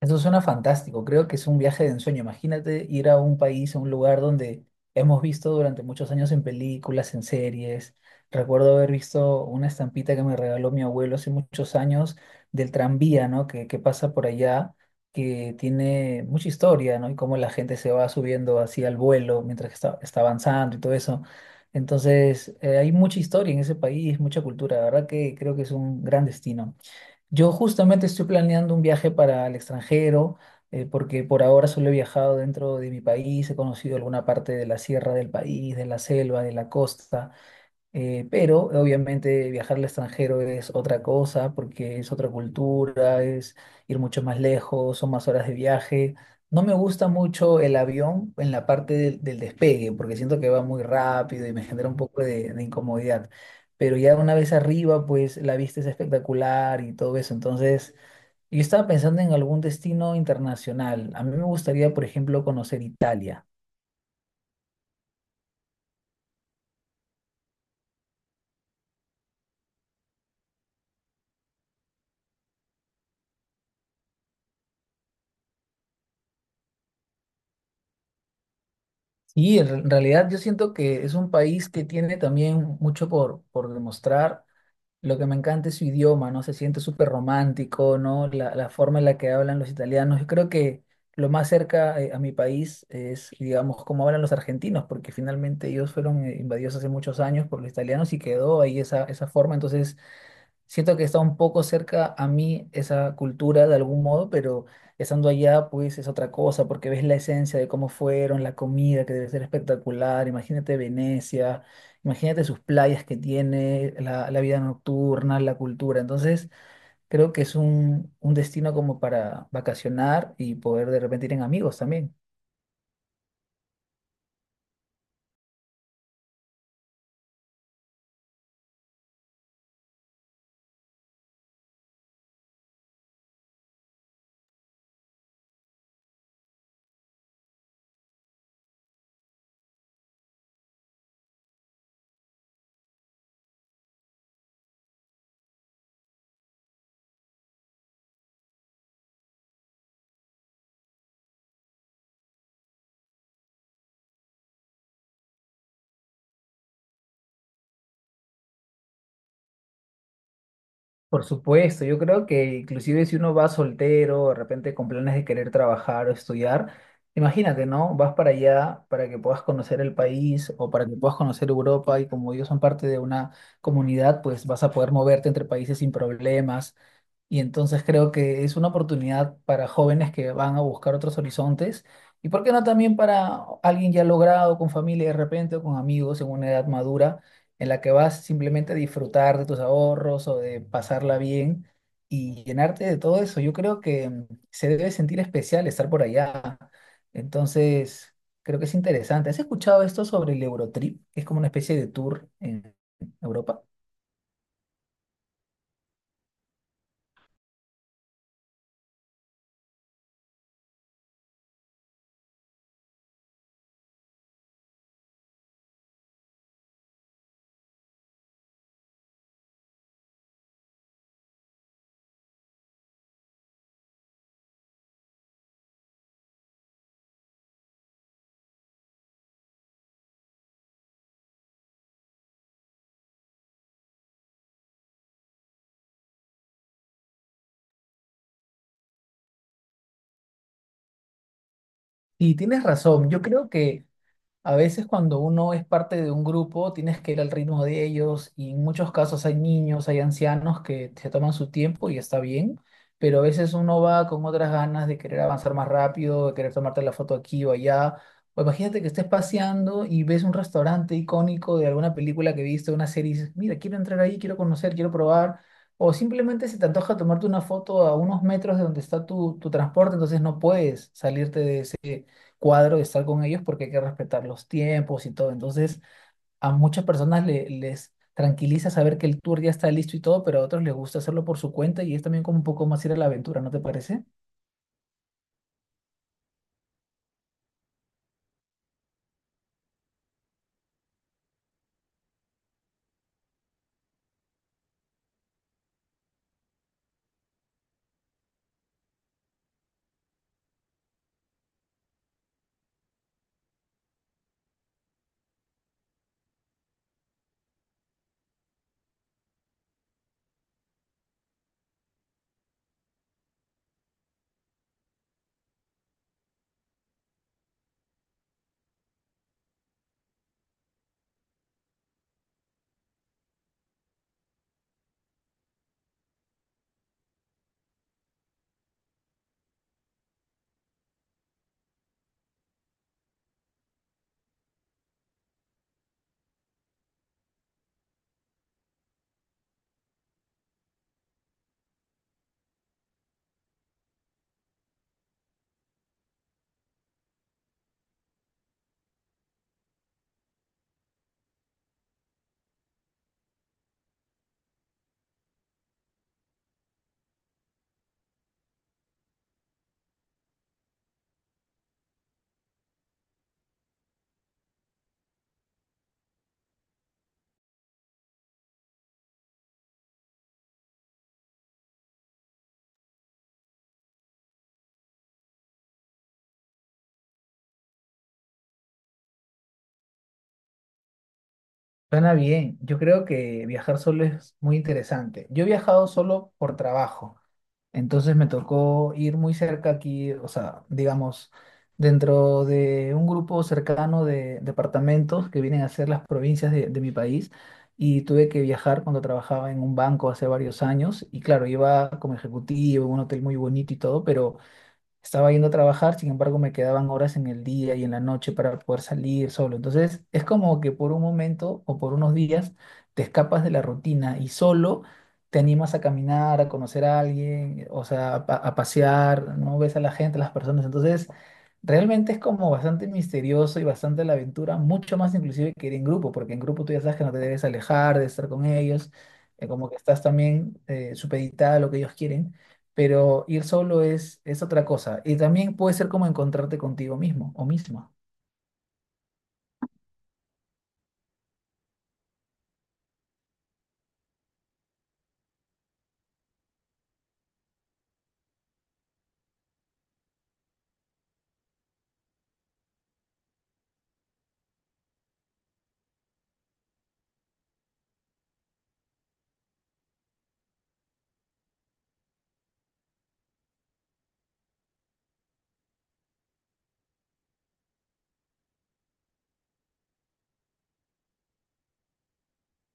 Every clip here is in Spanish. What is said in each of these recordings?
Eso suena fantástico, creo que es un viaje de ensueño. Imagínate ir a un país, a un lugar donde hemos visto durante muchos años en películas, en series. Recuerdo haber visto una estampita que me regaló mi abuelo hace muchos años del tranvía, ¿no? Que pasa por allá, que tiene mucha historia, ¿no? Y cómo la gente se va subiendo así al vuelo mientras que está avanzando y todo eso. Entonces, hay mucha historia en ese país, mucha cultura. La verdad que creo que es un gran destino. Yo justamente estoy planeando un viaje para el extranjero, porque por ahora solo he viajado dentro de mi país, he conocido alguna parte de la sierra del país, de la selva, de la costa, pero obviamente viajar al extranjero es otra cosa porque es otra cultura, es ir mucho más lejos, son más horas de viaje. No me gusta mucho el avión en la parte del despegue porque siento que va muy rápido y me genera un poco de incomodidad. Pero ya una vez arriba, pues la vista es espectacular y todo eso. Entonces, yo estaba pensando en algún destino internacional. A mí me gustaría, por ejemplo, conocer Italia. En realidad yo siento que es un país que tiene también mucho por demostrar. Lo que me encanta es su idioma, ¿no? Se siente súper romántico, ¿no? La forma en la que hablan los italianos. Yo creo que lo más cerca a mi país es, digamos, cómo hablan los argentinos, porque finalmente ellos fueron invadidos hace muchos años por los italianos y quedó ahí esa forma. Entonces, siento que está un poco cerca a mí esa cultura de algún modo, pero estando allá pues es otra cosa, porque ves la esencia de cómo fueron, la comida que debe ser espectacular, imagínate Venecia, imagínate sus playas que tiene, la vida nocturna, la cultura. Entonces creo que es un destino como para vacacionar y poder de repente ir en amigos también. Por supuesto, yo creo que inclusive si uno va soltero, de repente con planes de querer trabajar o estudiar, imagínate, ¿no? Vas para allá para que puedas conocer el país o para que puedas conocer Europa y como ellos son parte de una comunidad, pues vas a poder moverte entre países sin problemas. Y entonces creo que es una oportunidad para jóvenes que van a buscar otros horizontes y por qué no también para alguien ya logrado con familia de repente o con amigos en una edad madura en la que vas simplemente a disfrutar de tus ahorros o de pasarla bien y llenarte de todo eso. Yo creo que se debe sentir especial estar por allá. Entonces, creo que es interesante. ¿Has escuchado esto sobre el Eurotrip? Que Es como una especie de tour en Europa. Y tienes razón, yo creo que... A veces cuando uno es parte de un grupo, tienes que ir al ritmo de ellos y en muchos casos hay niños, hay ancianos que se toman su tiempo y está bien, pero a veces uno va con otras ganas de querer avanzar más rápido, de querer tomarte la foto aquí o allá. O imagínate que estés paseando y ves un restaurante icónico de alguna película que viste, una serie, y dices, mira, quiero entrar ahí, quiero conocer, quiero probar. O simplemente se te antoja tomarte una foto a unos metros de donde está tu transporte, entonces no puedes salirte de ese cuadro de estar con ellos porque hay que respetar los tiempos y todo. Entonces, a muchas personas les tranquiliza saber que el tour ya está listo y todo, pero a otros les gusta hacerlo por su cuenta y es también como un poco más ir a la aventura, ¿no te parece? Suena bien. Yo creo que viajar solo es muy interesante. Yo he viajado solo por trabajo. Entonces me tocó ir muy cerca aquí, o sea, digamos, dentro de un grupo cercano de departamentos que vienen a ser las provincias de mi país. Y tuve que viajar cuando trabajaba en un banco hace varios años. Y claro, iba como ejecutivo, en un hotel muy bonito y todo, pero estaba yendo a trabajar, sin embargo, me quedaban horas en el día y en la noche para poder salir solo. Entonces, es como que por un momento o por unos días te escapas de la rutina y solo te animas a caminar, a conocer a alguien, o sea, a, a pasear, no ves a la gente, a las personas. Entonces, realmente es como bastante misterioso y bastante la aventura, mucho más inclusive que ir en grupo, porque en grupo tú ya sabes que no te debes alejar de estar con ellos, como que estás también supeditada a lo que ellos quieren, pero ir solo es otra cosa. Y también puede ser como encontrarte contigo mismo o misma.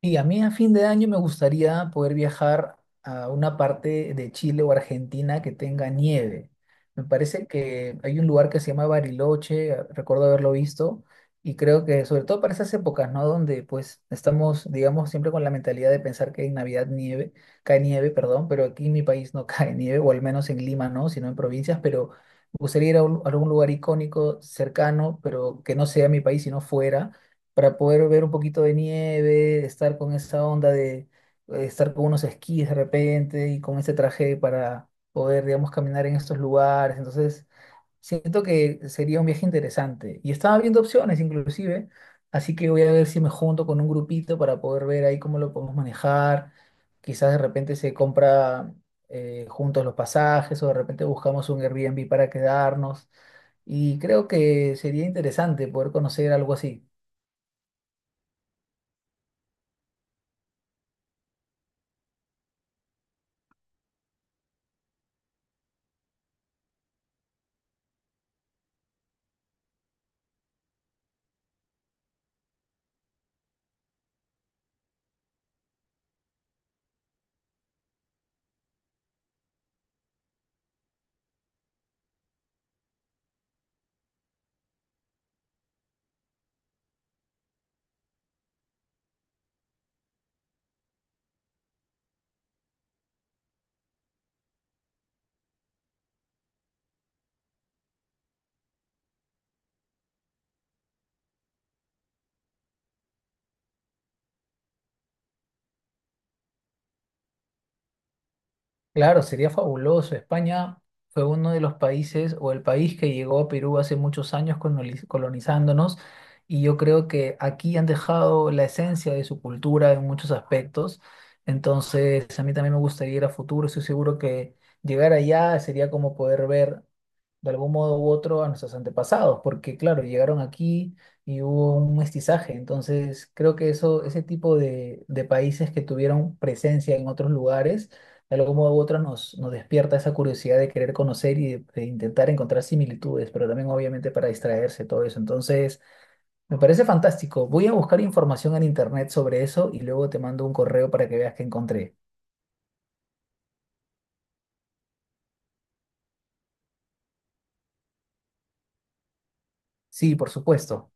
Y a mí a fin de año me gustaría poder viajar a una parte de Chile o Argentina que tenga nieve. Me parece que hay un lugar que se llama Bariloche, recuerdo haberlo visto, y creo que sobre todo para esas épocas, ¿no? Donde pues estamos, digamos, siempre con la mentalidad de pensar que en Navidad nieve, cae nieve, perdón, pero aquí en mi país no cae nieve, o al menos en Lima no, sino en provincias, pero me gustaría ir a, a algún lugar icónico, cercano, pero que no sea mi país, sino fuera para poder ver un poquito de nieve, estar con esa onda de estar con unos esquís de repente y con ese traje para poder, digamos, caminar en estos lugares. Entonces, siento que sería un viaje interesante. Y estaba viendo opciones inclusive, así que voy a ver si me junto con un grupito para poder ver ahí cómo lo podemos manejar. Quizás de repente se compra juntos los pasajes o de repente buscamos un Airbnb para quedarnos. Y creo que sería interesante poder conocer algo así. Claro, sería fabuloso. España fue uno de los países o el país que llegó a Perú hace muchos años colonizándonos y yo creo que aquí han dejado la esencia de su cultura en muchos aspectos. Entonces, a mí también me gustaría ir a futuro. Estoy seguro que llegar allá sería como poder ver de algún modo u otro a nuestros antepasados, porque claro, llegaron aquí y hubo un mestizaje, entonces creo que eso, ese tipo de países que tuvieron presencia en otros lugares, de algún modo u otro nos despierta esa curiosidad de querer conocer y de intentar encontrar similitudes, pero también obviamente para distraerse todo eso, entonces me parece fantástico, voy a buscar información en internet sobre eso y luego te mando un correo para que veas que encontré. Sí, por supuesto.